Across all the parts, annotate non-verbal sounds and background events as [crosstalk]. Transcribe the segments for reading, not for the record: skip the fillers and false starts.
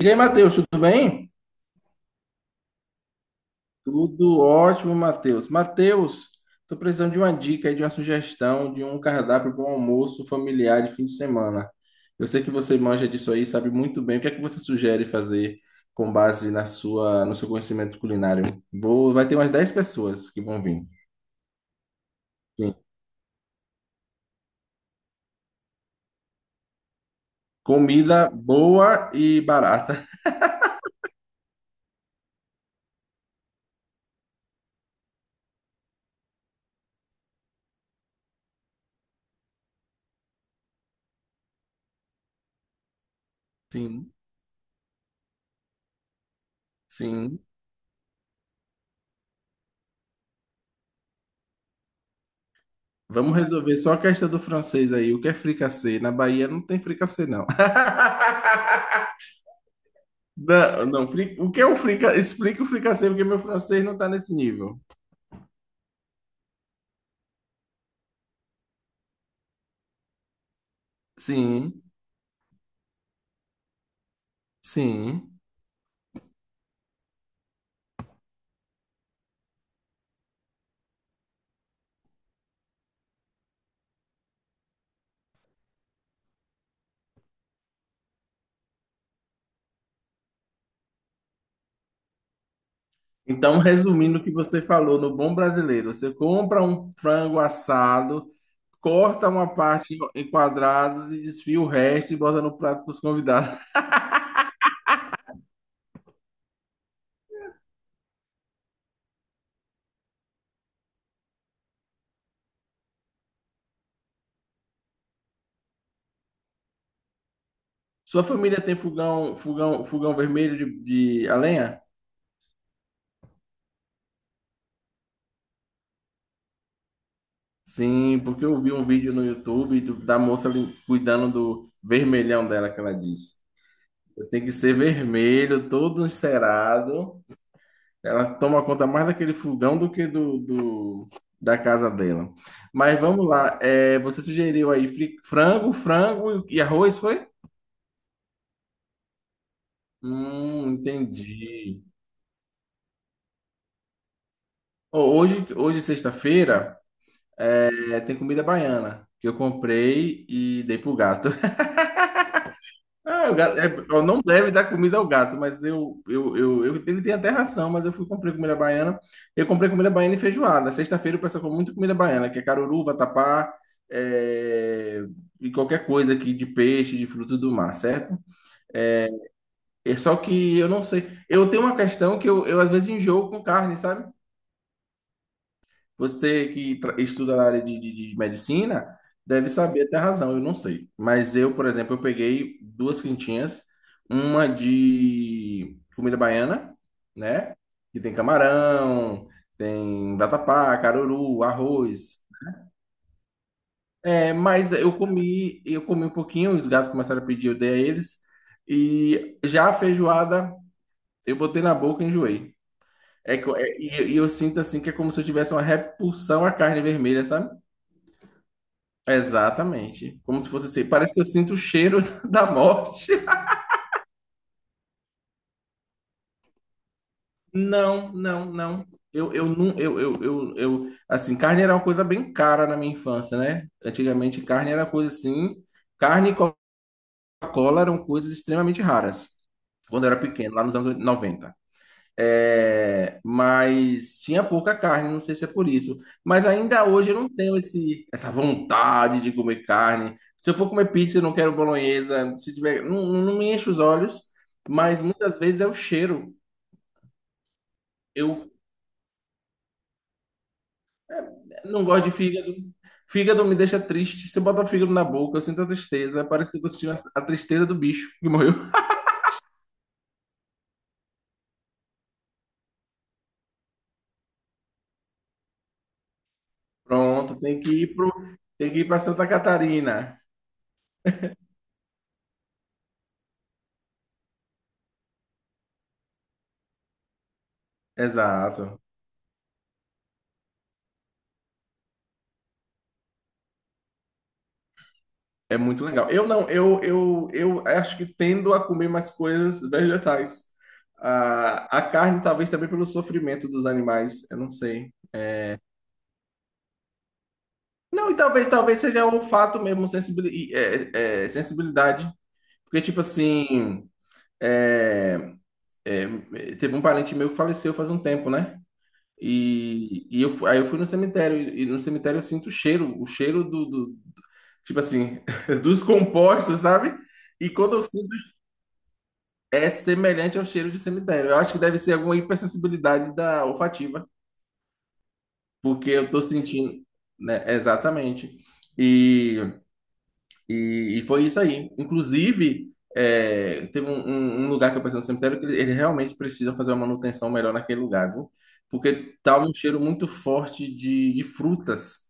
E aí, Matheus, tudo bem? Tudo ótimo, Matheus. Tô precisando de uma dica, aí, de uma sugestão, de um cardápio para um almoço familiar de fim de semana. Eu sei que você manja disso aí, sabe muito bem. O que é que você sugere fazer com base no seu conhecimento culinário? Vai ter umas 10 pessoas que vão vir. Sim. Comida boa e barata. Sim, sim. Vamos resolver só a questão do francês aí. O que é fricassê? Na Bahia não tem fricassê, não. [laughs] Não, não, o que é o fricassê? Explica o fricassê, porque meu francês não tá nesse nível. Sim, sim. Então, resumindo o que você falou no Bom Brasileiro, você compra um frango assado, corta uma parte em quadrados e desfia o resto e bota no prato para os convidados. [laughs] Sua família tem fogão vermelho de a lenha? Sim, porque eu vi um vídeo no YouTube da moça cuidando do vermelhão dela, que ela disse. Tem que ser vermelho, todo encerado. Ela toma conta mais daquele fogão do que da casa dela. Mas vamos lá. É, você sugeriu aí frango e arroz, foi? Entendi. Ó, hoje sexta-feira, tem comida baiana que eu comprei e dei pro gato. [laughs] Ah, o gato, ó, não deve dar comida ao gato, mas ele tem até ração, mas eu fui comprei comida baiana. Eu comprei comida baiana e feijoada. Sexta-feira o pessoal come muito comida baiana, que é caruru, vatapá, é, e qualquer coisa aqui de peixe, de fruto do mar, certo? É só que eu não sei. Eu tenho uma questão que eu às vezes enjoo com carne, sabe? Você que estuda na área de medicina deve saber até a razão, eu não sei. Mas eu, por exemplo, eu peguei duas quentinhas, uma de comida baiana, né? Que tem camarão, tem vatapá, caruru, arroz. É, mas eu comi um pouquinho, os gatos começaram a pedir, eu dei a eles. E já a feijoada, eu botei na boca e enjoei. É, eu sinto assim que é como se eu tivesse uma repulsão à carne vermelha, sabe? Exatamente. Como se fosse assim. Parece que eu sinto o cheiro [laughs] da morte. Não, não, não. Não, assim, carne era uma coisa bem cara na minha infância, né? Antigamente, carne era coisa assim. Carne e Coca-Cola eram coisas extremamente raras. Quando eu era pequeno, lá nos anos 90. Mas tinha pouca carne, não sei se é por isso. Mas ainda hoje eu não tenho esse, essa vontade de comer carne. Se eu for comer pizza, eu não quero bolonhesa. Se tiver, não, não me enche os olhos, mas muitas vezes é o cheiro. Eu não gosto de fígado. Fígado me deixa triste. Se eu botar fígado na boca, eu sinto a tristeza. Parece que eu tô sentindo a tristeza do bicho que morreu. [laughs] Pronto, tem que ir para Santa Catarina. Exato. É muito legal. Eu não, eu acho que tendo a comer mais coisas vegetais. Ah, a carne, talvez também pelo sofrimento dos animais, eu não sei. Não, e talvez seja o fato mesmo, sensibilidade. Porque, tipo assim, é, é, teve um parente meu que faleceu faz um tempo, né? E, eu, aí eu fui no cemitério, e no cemitério eu sinto o cheiro tipo assim, [laughs] dos compostos, sabe? E quando eu sinto é semelhante ao cheiro de cemitério. Eu acho que deve ser alguma hipersensibilidade da olfativa, porque eu tô sentindo, né? Exatamente. E, foi isso aí. Inclusive, teve um lugar que eu pensei no cemitério que eles realmente precisam fazer uma manutenção melhor naquele lugar, viu? Porque tava um cheiro muito forte de frutas.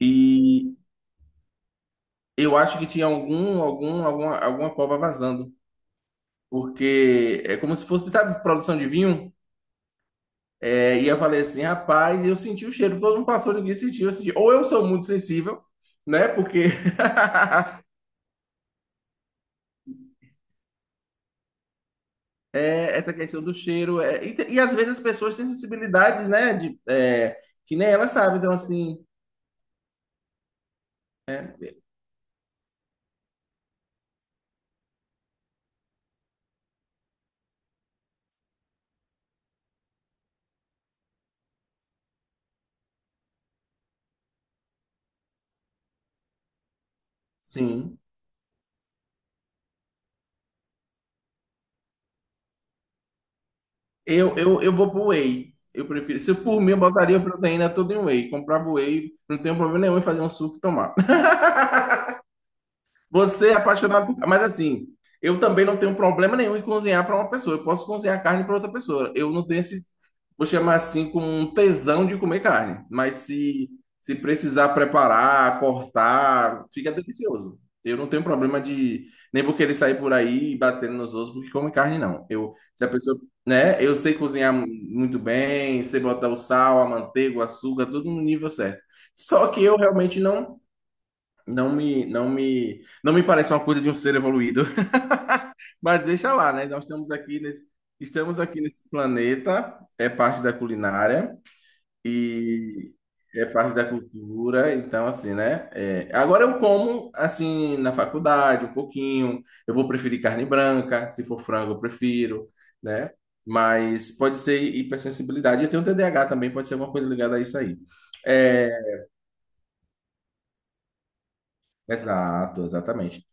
E eu acho que tinha alguma cova vazando. Porque é como se fosse, sabe, produção de vinho? É, e eu falei assim, rapaz, eu senti o cheiro, todo mundo passou, ninguém sentiu, eu senti. Ou eu sou muito sensível, né? Porque [laughs] essa questão do cheiro. E às vezes as pessoas têm sensibilidades, né? Que nem elas sabem. Então, assim, sim, eu vou pro whey. Eu prefiro. Se por mim, eu botaria a proteína toda em whey. Comprava o whey, não tenho problema nenhum em fazer um suco e tomar. Você é apaixonado por... Mas assim, eu também não tenho problema nenhum em cozinhar para uma pessoa. Eu posso cozinhar carne para outra pessoa. Eu não tenho esse, vou chamar assim, como um tesão de comer carne. Mas se precisar preparar, cortar, fica delicioso. Eu não tenho problema de. Nem vou querer sair por aí batendo nos outros porque come carne, não. Eu, se a pessoa. Né? Eu sei cozinhar muito bem, sei botar o sal, a manteiga, o açúcar, tudo no nível certo. Só que eu realmente não. Não me parece uma coisa de um ser evoluído, [laughs] mas deixa lá, né? Nós estamos aqui nesse planeta, é parte da culinária e é parte da cultura, então assim, né? É, agora eu como assim na faculdade um pouquinho, eu vou preferir carne branca, se for frango eu prefiro, né? Mas pode ser hipersensibilidade. Eu tenho TDAH também, pode ser alguma coisa ligada a isso aí. É, exato, exatamente.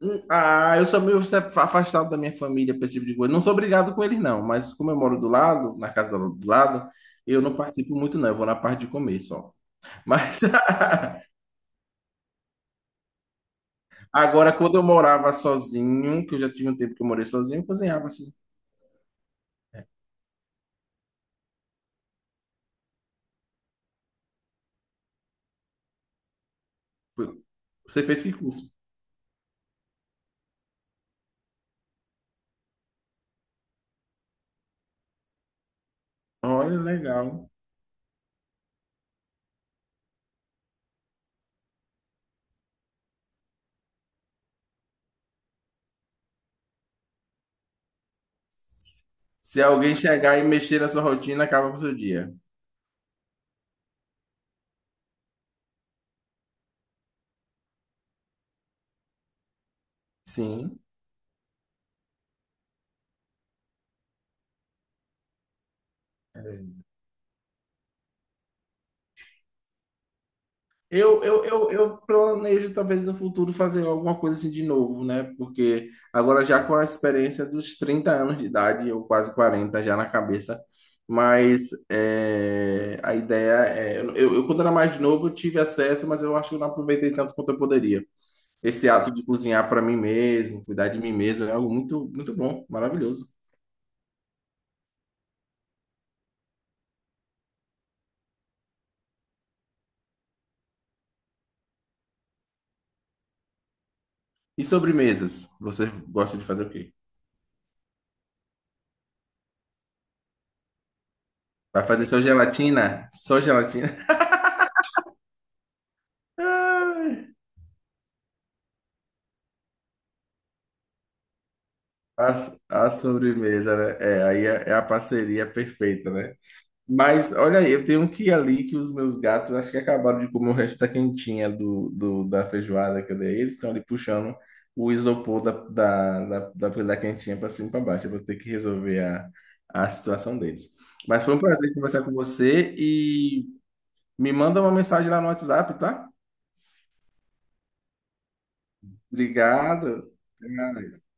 Ah, eu sou meio afastado da minha família para esse tipo de coisa. Não sou obrigado com eles, não, mas como eu moro do lado, na casa do lado, eu não participo muito, não. Eu vou na parte de comer só. Mas [laughs] agora, quando eu morava sozinho, que eu já tive um tempo que eu morei sozinho, eu cozinhava assim. Você fez que curso? Olha, legal. Se alguém chegar e mexer na sua rotina, acaba com o seu dia. Sim. Eu planejo talvez no futuro fazer alguma coisa assim de novo, né? Porque agora já com a experiência dos 30 anos de idade, ou quase 40 já na cabeça, mas é, a ideia é. Quando era mais novo, eu tive acesso, mas eu acho que eu não aproveitei tanto quanto eu poderia. Esse ato de cozinhar para mim mesmo, cuidar de mim mesmo, é algo muito, muito bom, maravilhoso. E sobremesas? Você gosta de fazer o quê? Vai fazer só gelatina? Só gelatina? [laughs] Ai. A, a sobremesa, né? É, aí é a parceria perfeita, né? Mas olha aí, eu tenho um que ali que os meus gatos acho que acabaram de comer o resto da quentinha da feijoada que eu dei. Eles estão ali puxando o isopor da quentinha para cima e para baixo. Eu vou ter que resolver a situação deles. Mas foi um prazer conversar com você e me manda uma mensagem lá no WhatsApp, tá? Obrigado. Até mais.